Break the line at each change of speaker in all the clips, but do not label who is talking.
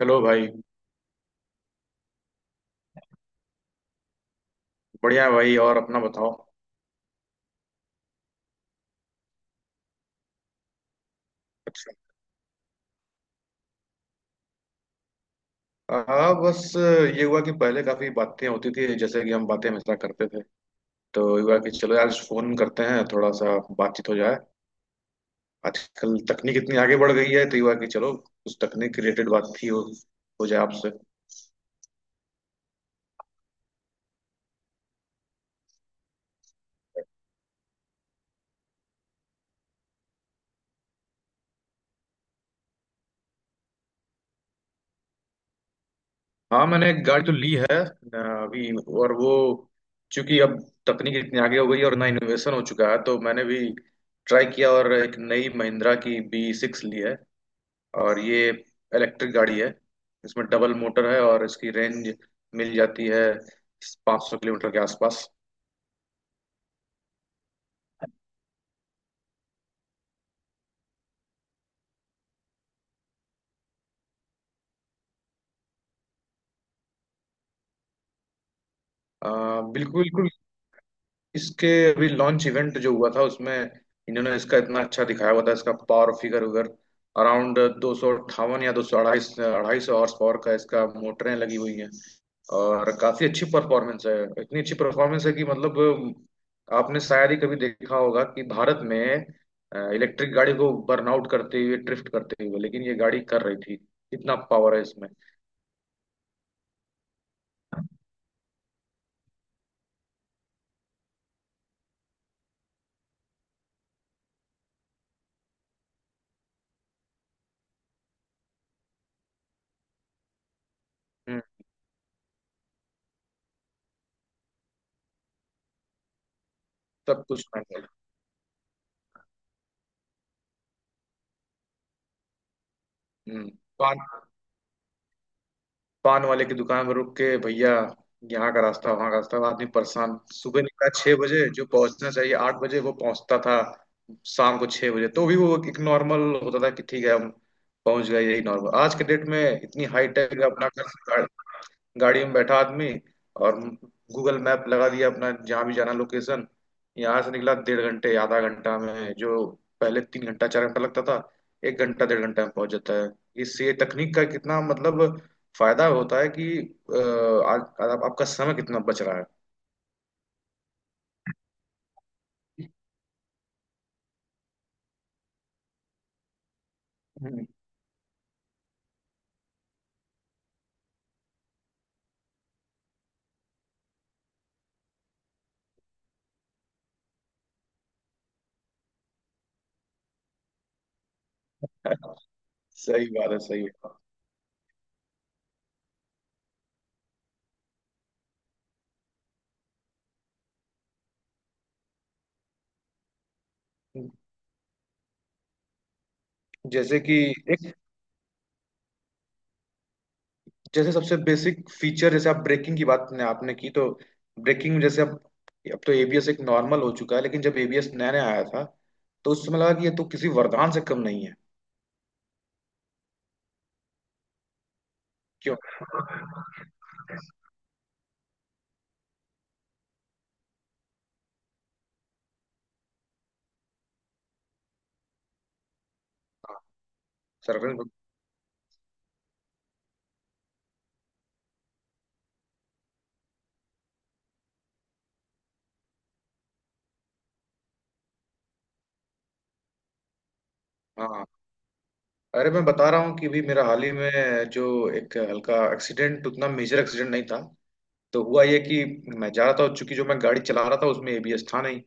Hello भाई। बढ़िया है भाई, और अपना बताओ। अच्छा। हाँ, बस ये हुआ कि पहले काफी बातें होती थी जैसे कि हम बातें हमेशा करते थे। तो हुआ कि चलो यार फोन करते हैं थोड़ा सा बातचीत हो जाए। आजकल तकनीक इतनी आगे बढ़ गई है तो हुआ कि चलो उस तकनीक रिलेटेड बात ही हो जाए आपसे। हाँ मैंने एक गाड़ी तो ली है अभी। और वो चूंकि अब तकनीक इतनी आगे हो गई है और ना इनोवेशन हो चुका है तो मैंने भी ट्राई किया और एक नई महिंद्रा की बी सिक्स ली है। और ये इलेक्ट्रिक गाड़ी है। इसमें डबल मोटर है और इसकी रेंज मिल जाती है 500 किलोमीटर के आसपास। बिल्कुल बिल्कुल। इसके अभी लॉन्च इवेंट जो हुआ था उसमें इन्होंने इसका इतना अच्छा दिखाया हुआ था। इसका पावर फिगर वगैरह अराउंड 258 या दो सौ अढ़ाई, 250 हॉर्स पावर का इसका मोटरें लगी हुई हैं। और काफी अच्छी परफॉर्मेंस है। इतनी अच्छी परफॉर्मेंस है कि मतलब आपने शायद ही कभी देखा होगा कि भारत में इलेक्ट्रिक गाड़ी को बर्नआउट करते हुए ड्रिफ्ट करते हुए, लेकिन ये गाड़ी कर रही थी। इतना पावर है इसमें। हम्म। सब कुछ मैनुअल। हम्म। पान वाले की दुकान पर रुक के भैया यहाँ का रास्ता वहाँ का रास्ता आदमी परेशान सुबह निकला छह बजे जो पहुंचना चाहिए आठ बजे वो पहुंचता था। शाम को छह बजे तो भी वो एक नॉर्मल होता था कि ठीक है हम पहुंच गए। यही नॉर्मल आज के डेट में इतनी हाई टेक अपना गाड़ी में बैठा आदमी और गूगल मैप लगा दिया अपना जहाँ भी जाना लोकेशन यहाँ से निकला डेढ़ घंटे आधा घंटा में जो पहले तीन घंटा चार घंटा लगता था एक घंटा डेढ़ घंटा में पहुंच जाता है। इससे तकनीक का कितना मतलब फायदा होता है कि आज आज आपका समय कितना बच रहा है। हम्म, सही बात है सही बात। जैसे कि एक जैसे सबसे बेसिक फीचर जैसे आप ब्रेकिंग की बात ने आपने की तो ब्रेकिंग में जैसे अब तो एबीएस एक नॉर्मल हो चुका है लेकिन जब एबीएस नया नया आया था तो उस समय लगा कि ये तो किसी वरदान से कम नहीं है। क्यों। सर्वेंट। हाँ, अरे मैं बता रहा हूँ कि भी मेरा हाल ही में जो एक हल्का एक्सीडेंट उतना मेजर एक्सीडेंट नहीं था। तो हुआ ये कि मैं जा रहा था और चूंकि जो मैं गाड़ी चला रहा था उसमें एबीएस था नहीं।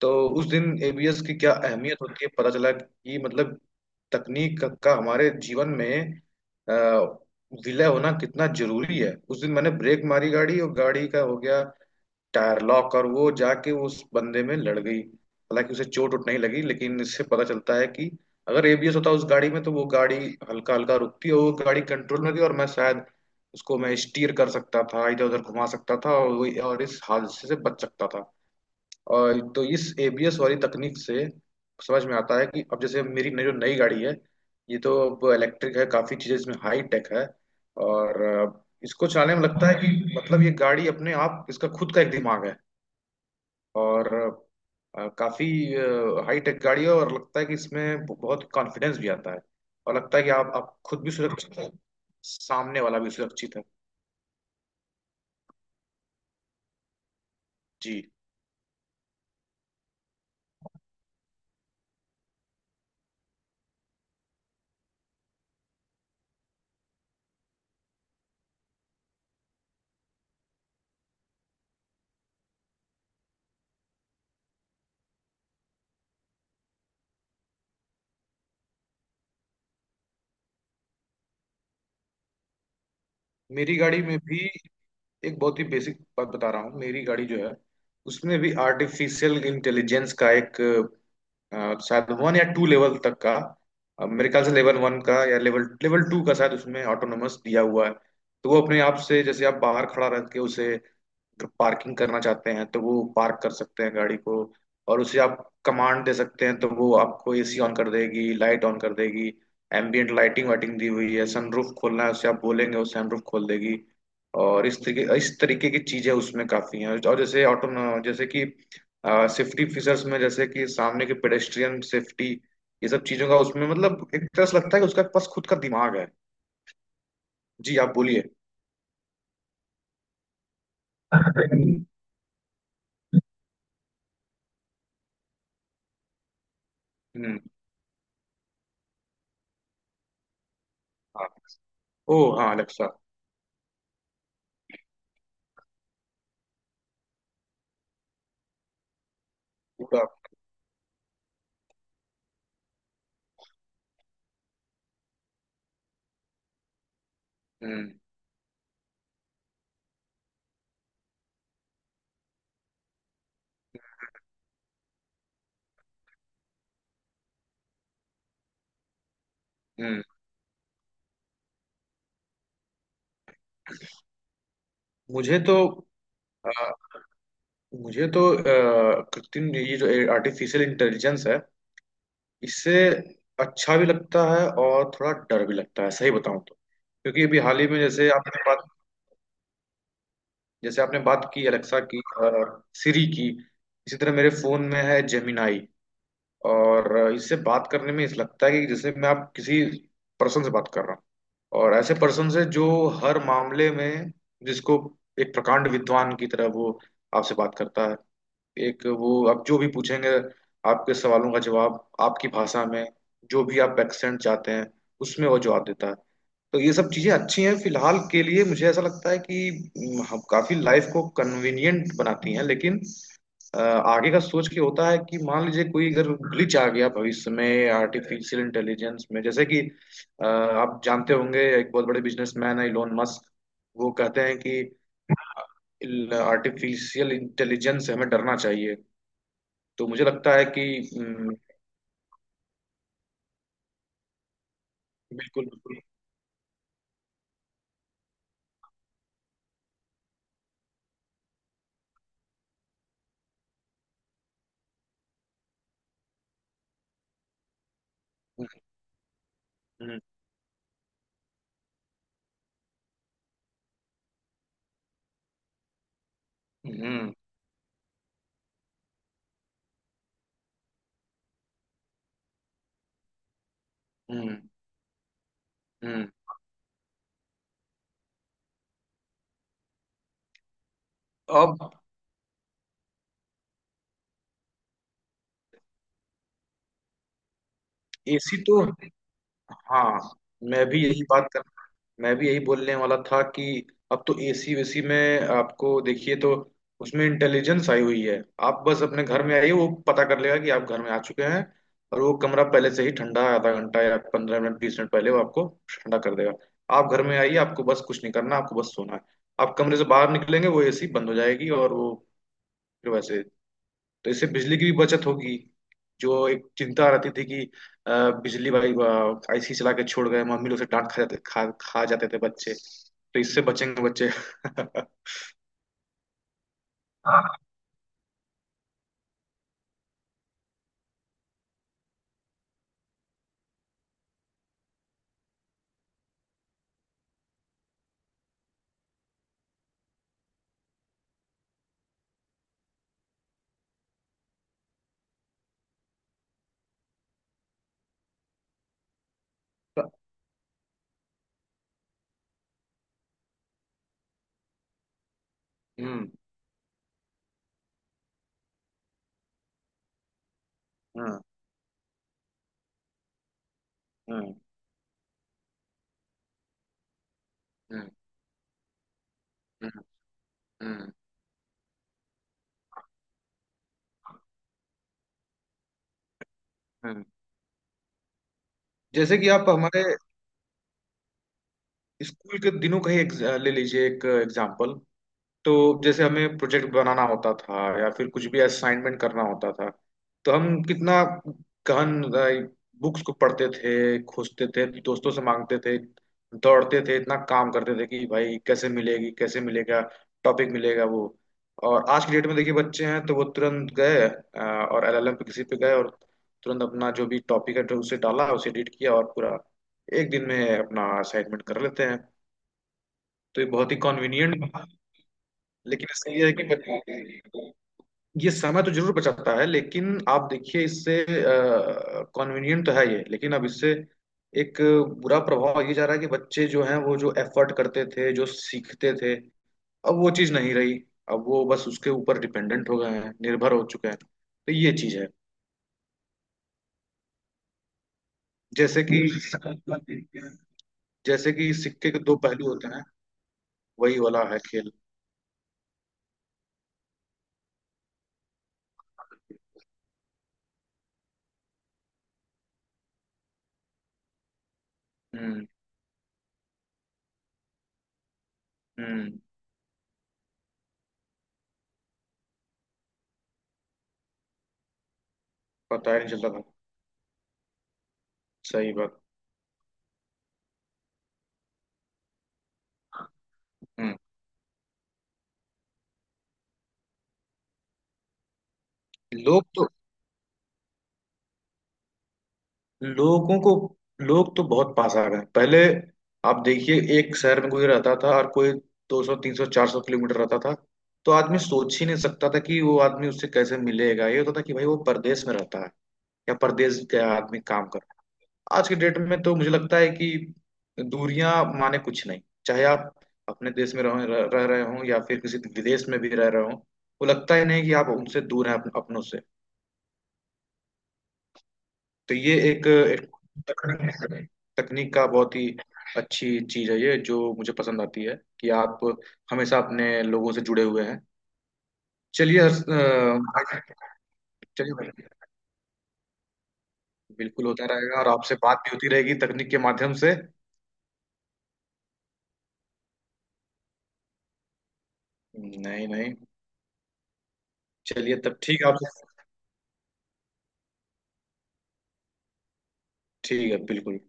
तो उस दिन एबीएस की क्या अहमियत होती है पता चला कि मतलब तकनीक का हमारे जीवन में अ, विलय होना कितना जरूरी है। उस दिन मैंने ब्रेक मारी गाड़ी और गाड़ी का हो गया टायर लॉक और वो जाके उस बंदे में लड़ गई। हालांकि उसे चोट वोट नहीं लगी लेकिन इससे पता चलता है कि अगर एबीएस होता उस गाड़ी में तो वो गाड़ी हल्का हल्का रुकती और वो गाड़ी कंट्रोल में होती और मैं शायद उसको मैं स्टीयर कर सकता था इधर उधर घुमा सकता था और वो और इस हादसे से बच सकता था। और तो इस एबीएस वाली तकनीक से समझ में आता है कि अब जैसे मेरी जो नई गाड़ी है ये तो अब इलेक्ट्रिक है काफी चीजें इसमें हाई टेक है। और इसको चलाने में लगता है कि मतलब ये गाड़ी अपने आप इसका खुद का एक दिमाग है। और काफी हाई टेक गाड़ी है और लगता है कि इसमें बहुत कॉन्फिडेंस भी आता है और लगता है कि आप खुद भी सुरक्षित है। सामने वाला भी सुरक्षित है। जी। मेरी गाड़ी में भी एक बहुत ही बेसिक बात बता रहा हूँ। मेरी गाड़ी जो है उसमें भी आर्टिफिशियल इंटेलिजेंस का एक शायद वन या टू लेवल तक का मेरे ख्याल से लेवल वन का या लेवल लेवल टू का शायद उसमें ऑटोनोमस दिया हुआ है। तो वो अपने आप से जैसे आप बाहर खड़ा रह के उसे पार्किंग करना चाहते हैं तो वो पार्क कर सकते हैं गाड़ी को। और उसे आप कमांड दे सकते हैं तो वो आपको एसी ऑन कर देगी, लाइट ऑन कर देगी। एम्बियंट लाइटिंग वाइटिंग दी हुई है। सनरूफ खोलना है उसे आप बोलेंगे वो सनरूफ खोल देगी। और इस तरीके की चीजें उसमें काफी हैं और जैसे ऑटो जैसे कि सेफ्टी फीचर्स में जैसे कि सामने के पेडेस्ट्रियन सेफ्टी ये सब चीजों का उसमें मतलब एक तरह से लगता है कि उसका पास खुद का दिमाग है। जी आप बोलिए। हम्म। हाँ। ओ हाँ, अलेक्सा। पूरा। हम्म। हम्म। मुझे तो अ, मुझे तो कृत्रिम ये जो आर्टिफिशियल इंटेलिजेंस है इससे अच्छा भी लगता है और थोड़ा डर भी लगता है सही बताऊं तो। क्योंकि अभी हाल ही में जैसे आपने बात की अलेक्सा की सिरी की। इसी तरह मेरे फोन में है जेमिनाई। और इससे बात करने में इस लगता है कि जैसे मैं आप किसी पर्सन से बात कर रहा हूँ। और ऐसे पर्सन से जो हर मामले में जिसको एक प्रकांड विद्वान की तरह वो आपसे बात करता है। एक वो आप जो भी पूछेंगे आपके सवालों का जवाब आपकी भाषा में जो भी आप एक्सेंट चाहते हैं उसमें वो जवाब देता है। तो ये सब चीजें अच्छी हैं फिलहाल के लिए मुझे ऐसा लगता है कि हम काफी लाइफ को कन्वीनियंट बनाती हैं लेकिन अ, आगे का सोच के होता है कि मान लीजिए कोई अगर ग्लिच आ गया भविष्य में आर्टिफिशियल इंटेलिजेंस में जैसे कि आप जानते होंगे एक बहुत बड़े बिजनेसमैन है इलोन मस्क। वो कहते हैं कि आर्टिफिशियल इंटेलिजेंस से हमें डरना चाहिए। तो मुझे लगता है कि हम्म, बिल्कुल, बिल्कुल। हम्म। हम्म। हम्म। हम्म। अब। एसी तो हाँ। मैं भी यही बात कर मैं भी यही बोलने वाला था कि अब तो एसी वेसी में आपको देखिए तो उसमें इंटेलिजेंस आई हुई है। आप बस अपने घर में आइए वो पता कर लेगा कि आप घर में आ चुके हैं और वो कमरा पहले से ही ठंडा है, आधा घंटा या 15 मिनट 20 मिनट पहले वो आपको ठंडा कर देगा। आप घर में आइए, आपको बस कुछ नहीं करना आपको बस सोना है। आप कमरे से बाहर निकलेंगे वो एसी बंद हो जाएगी और वो फिर वैसे। तो इससे बिजली की भी बचत होगी जो एक चिंता रहती थी कि अ, बिजली भाई आईसी चला के छोड़ गए मम्मी लोग से डांट खा जाते थे बच्चे तो इससे बचेंगे बच्चे। हम्म। हम्म। हम्म। हम्म। हम्म, हम्म, हम्म। जैसे कि आप हमारे स्कूल के दिनों का ही एक, ले लीजिए एक एग्जाम्पल। तो जैसे हमें प्रोजेक्ट बनाना होता था या फिर कुछ भी असाइनमेंट करना होता था तो हम कितना गहन बुक्स को पढ़ते थे खोजते थे दोस्तों से मांगते थे दौड़ते थे इतना काम करते थे कि भाई कैसे मिलेगी कैसे मिलेगा टॉपिक मिलेगा वो। और आज की डेट में देखिए बच्चे हैं तो वो तुरंत गए और एलएलएम पे किसी पे गए और तुरंत अपना जो भी टॉपिक है तो उसे डाला उसे एडिट किया और पूरा एक दिन में अपना असाइनमेंट कर लेते हैं। तो ये बहुत ही कन्वीनियंट। लेकिन इसमें यह है कि ये समय तो जरूर बचाता है लेकिन आप देखिए इससे कन्वीनियंट तो है ये लेकिन अब इससे एक बुरा प्रभाव ये जा रहा है कि बच्चे जो हैं वो जो एफर्ट करते थे जो सीखते थे अब वो चीज़ नहीं रही। अब वो बस उसके ऊपर डिपेंडेंट हो गए हैं निर्भर हो चुके हैं तो ये चीज़ है। जैसे कि जैसे कि सिक्के के दो पहलू होते हैं। वही वाला है खेल। हम्म। हम्म। पता ही नहीं चलता था सही बात। हम्म। लोग तो लोगों को लोग तो बहुत पास आ गए पहले। आप देखिए एक शहर में कोई रहता था और कोई 200 300 400 किलोमीटर रहता था तो आदमी सोच ही नहीं सकता था कि वो आदमी उससे कैसे मिलेगा। ये होता था कि भाई वो परदेश में रहता है या परदेश का आदमी काम कर रहा है। आज के डेट में तो मुझे लगता है कि दूरियां माने कुछ नहीं। चाहे आप अपने देश में रह रह रहे हो या फिर किसी विदेश में भी रह रहे हो वो लगता ही नहीं कि आप उनसे दूर हैं अपनों से। तो ये एक तकनीक तकनीक का बहुत ही अच्छी चीज है ये जो मुझे पसंद आती है कि आप हमेशा अपने लोगों से जुड़े हुए हैं। चलिए अ, चलिए भाई। बिल्कुल होता रहेगा और आपसे बात भी होती रहेगी तकनीक के माध्यम से। नहीं नहीं। चलिए तब ठीक है आपसे। ठीक है बिल्कुल।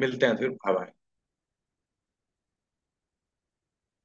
मिलते हैं फिर। Bye bye.